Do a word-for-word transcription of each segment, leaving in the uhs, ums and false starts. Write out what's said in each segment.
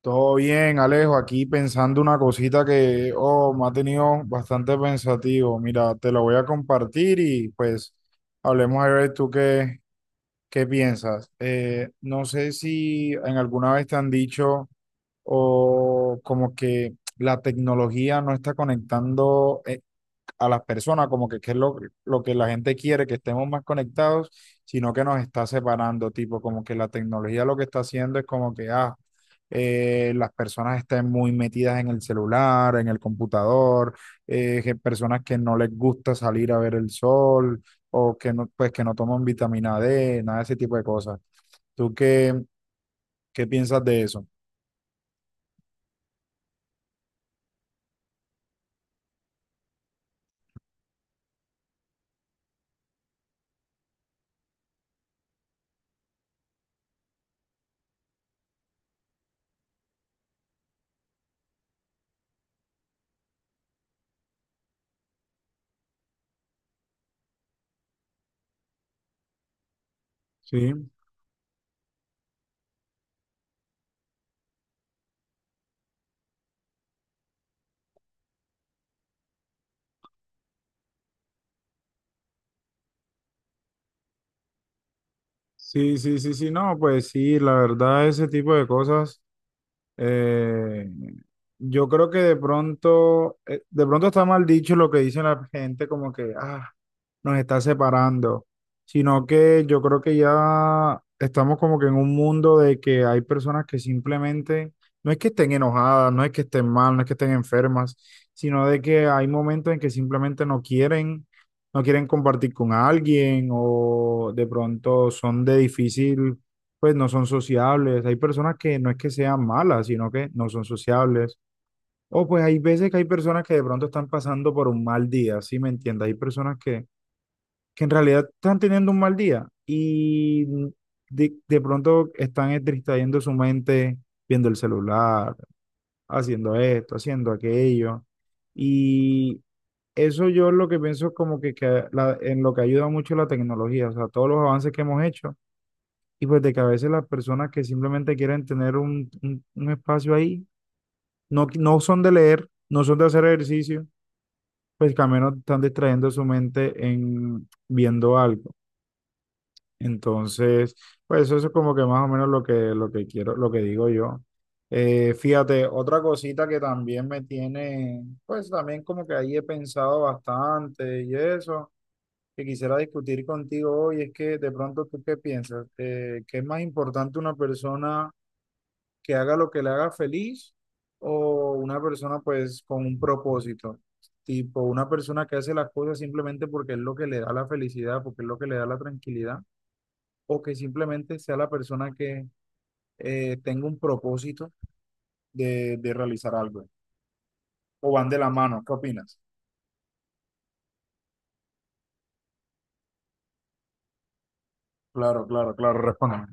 Todo bien, Alejo, aquí pensando una cosita que, oh, me ha tenido bastante pensativo. Mira, te lo voy a compartir y pues hablemos a ver tú qué, qué piensas. Eh, no sé si en alguna vez te han dicho o como que la tecnología no está conectando, eh, a las personas, como que qué es lo, lo que la gente quiere, que estemos más conectados, sino que nos está separando, tipo, como que la tecnología lo que está haciendo es como que, ah, eh, las personas estén muy metidas en el celular, en el computador, eh, que personas que no les gusta salir a ver el sol o que no, pues que no toman vitamina D, nada de ese tipo de cosas. ¿Tú qué, qué piensas de eso? Sí, sí, sí, sí, sí, no, pues sí, la verdad, ese tipo de cosas. Eh, yo creo que de pronto, eh, de pronto está mal dicho lo que dice la gente, como que, ah nos está separando, sino que yo creo que ya estamos como que en un mundo de que hay personas que simplemente, no es que estén enojadas, no es que estén mal, no es que estén enfermas, sino de que hay momentos en que simplemente no quieren, no quieren compartir con alguien o de pronto son de difícil, pues no son sociables. Hay personas que no es que sean malas, sino que no son sociables. O pues hay veces que hay personas que de pronto están pasando por un mal día, ¿sí me entiendes? Hay personas que que en realidad están teniendo un mal día y de, de pronto están es distrayendo su mente viendo el celular, haciendo esto, haciendo aquello. Y eso yo lo que pienso es como que, que la- en lo que ayuda mucho la tecnología, o sea, todos los avances que hemos hecho y pues de que a veces las personas que simplemente quieren tener un, un, un espacio ahí, no, no son de leer, no son de hacer ejercicio, pues que al menos están distrayendo su mente en viendo algo. Entonces, pues eso es como que más o menos lo que, lo que quiero, lo que digo yo. Eh, fíjate, otra cosita que también me tiene, pues también como que ahí he pensado bastante y eso, que quisiera discutir contigo hoy, es que de pronto tú qué piensas. Eh, ¿qué es más importante, una persona que haga lo que le haga feliz o una persona pues con un propósito? Tipo, una persona que hace las cosas simplemente porque es lo que le da la felicidad, porque es lo que le da la tranquilidad o que simplemente sea la persona que eh, tenga un propósito de, de realizar algo, o van de la mano, ¿qué opinas? Claro, claro, claro, respóndeme.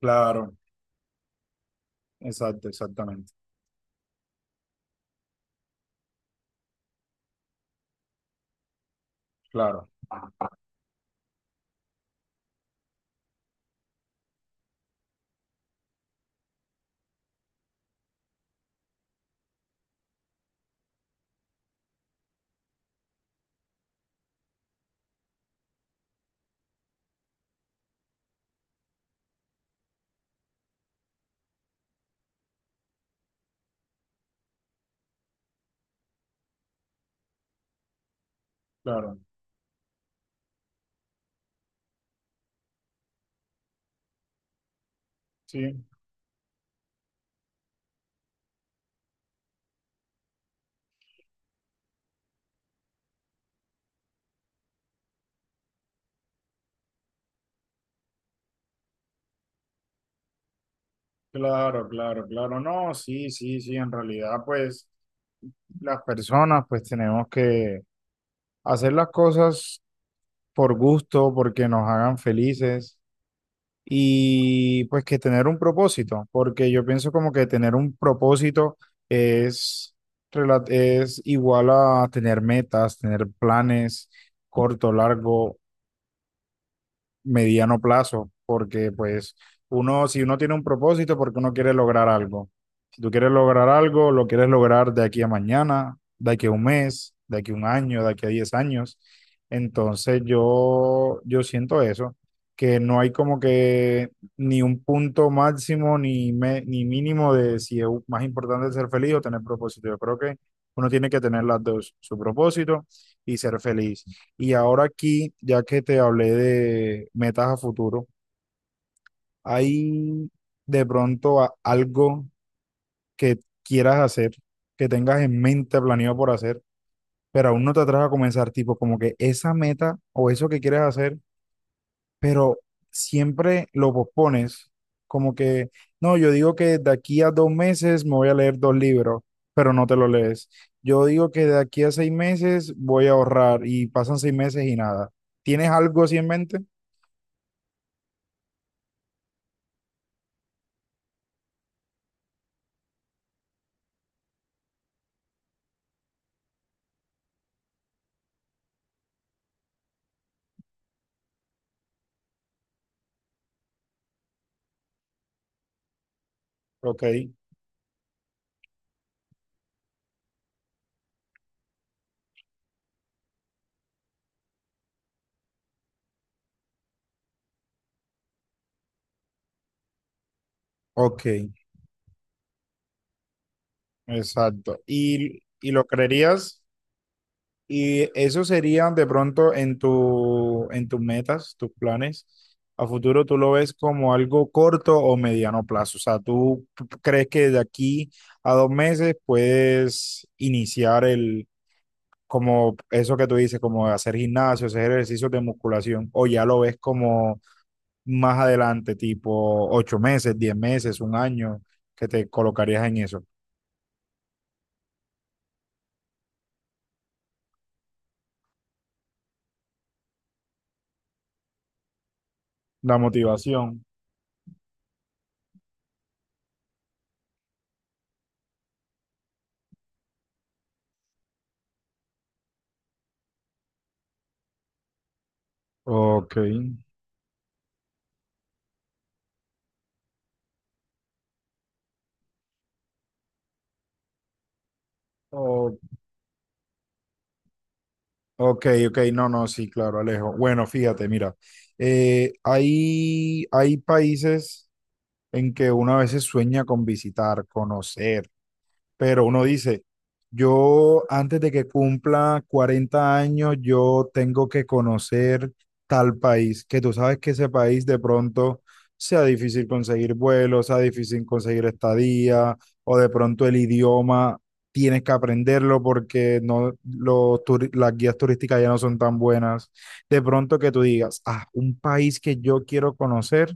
Claro, exacto, exactamente, claro, claro, sí, claro, claro, claro, no, sí, sí, sí, en realidad, pues las personas, pues tenemos que hacer las cosas por gusto, porque nos hagan felices, y pues que tener un propósito, porque yo pienso como que tener un propósito es, rela- es igual a tener metas, tener planes corto, largo mediano plazo, porque pues uno, si uno tiene un propósito, porque uno quiere lograr algo. Si tú quieres lograr algo, lo quieres lograr de aquí a mañana, de aquí a un mes, de aquí a un año, de aquí a diez años. Entonces yo, yo siento eso, que no hay como que ni un punto máximo ni, me- ni mínimo de si es más importante ser feliz o tener propósito. Yo creo que uno tiene que tener las dos, su propósito y ser feliz. Y ahora aquí, ya que te hablé de metas a futuro, ¿hay de pronto a- algo que quieras hacer, que tengas en mente planeado por hacer, pero aún no te atreves a comenzar? Tipo, como que esa meta o eso que quieres hacer, pero siempre lo pospones. Como que, no, yo digo que de aquí a dos meses me voy a leer dos libros, pero no te lo lees. Yo digo que de aquí a seis meses voy a ahorrar y pasan seis meses y nada. ¿Tienes algo así en mente? Ok, ok. Exacto. Y, y lo creerías, y eso sería de pronto en tu, en tus metas, tus planes. A futuro tú lo ves como algo corto o mediano plazo. O sea, tú p- crees que de aquí a dos meses puedes iniciar el, como eso que tú dices, como hacer gimnasio, hacer ejercicios de musculación, o ya lo ves como más adelante, tipo ocho meses, diez meses, un año, que te colocarías en eso. La motivación. Ok. O- ok, ok. No, no, sí, claro, Alejo. Bueno, fíjate, mira. eh, hay, hay países en que uno a veces sueña con visitar, conocer. Pero uno dice, yo antes de que cumpla cuarenta años, yo tengo que conocer tal país, que tú sabes que ese país de pronto sea difícil conseguir vuelos, sea difícil conseguir estadía, o de pronto el idioma tienes que aprenderlo porque no, los turi- las guías turísticas ya no son tan buenas. De pronto que tú digas, ah, un país que yo quiero conocer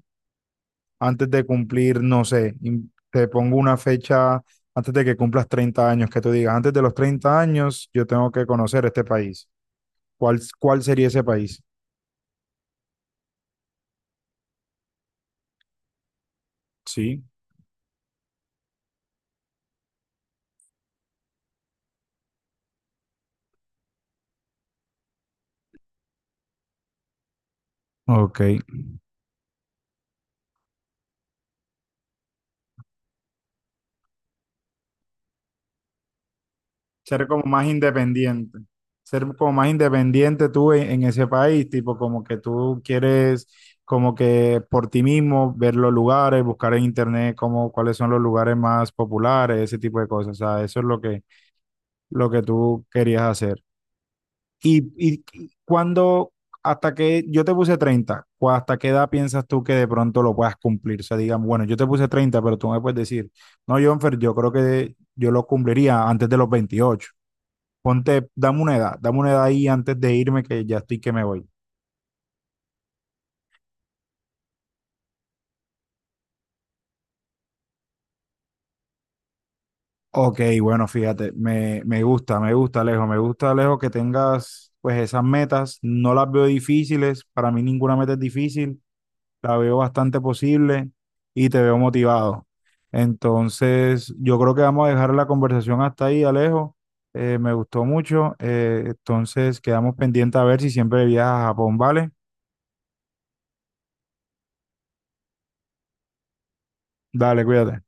antes de cumplir, no sé, in- te pongo una fecha antes de que cumplas treinta años, que tú digas, antes de los treinta años yo tengo que conocer este país. ¿Cuál, cuál sería ese país? Sí, ok. Ser como más independiente. Ser como más independiente tú en, en ese país, tipo como que tú quieres como que por ti mismo ver los lugares, buscar en internet como cuáles son los lugares más populares, ese tipo de cosas. O sea, eso es lo que, lo que tú querías hacer. Y, y cuando, hasta que yo te puse treinta, ¿cu- hasta qué edad piensas tú que de pronto lo puedas cumplir? O sea, digamos, bueno, yo te puse treinta, pero tú me puedes decir, no, Jonfer, yo creo que yo lo cumpliría antes de los veintiocho. Ponte, dame una edad, dame una edad ahí antes de irme que ya estoy que me voy. Ok, bueno, fíjate, me, me gusta, me gusta, Alejo, me gusta, Alejo, que tengas pues esas metas, no las veo difíciles. Para mí ninguna meta es difícil, la veo bastante posible y te veo motivado. Entonces, yo creo que vamos a dejar la conversación hasta ahí, Alejo. Eh, me gustó mucho. Eh, entonces, quedamos pendientes a ver si siempre viajas a Japón, ¿vale? Dale, cuídate.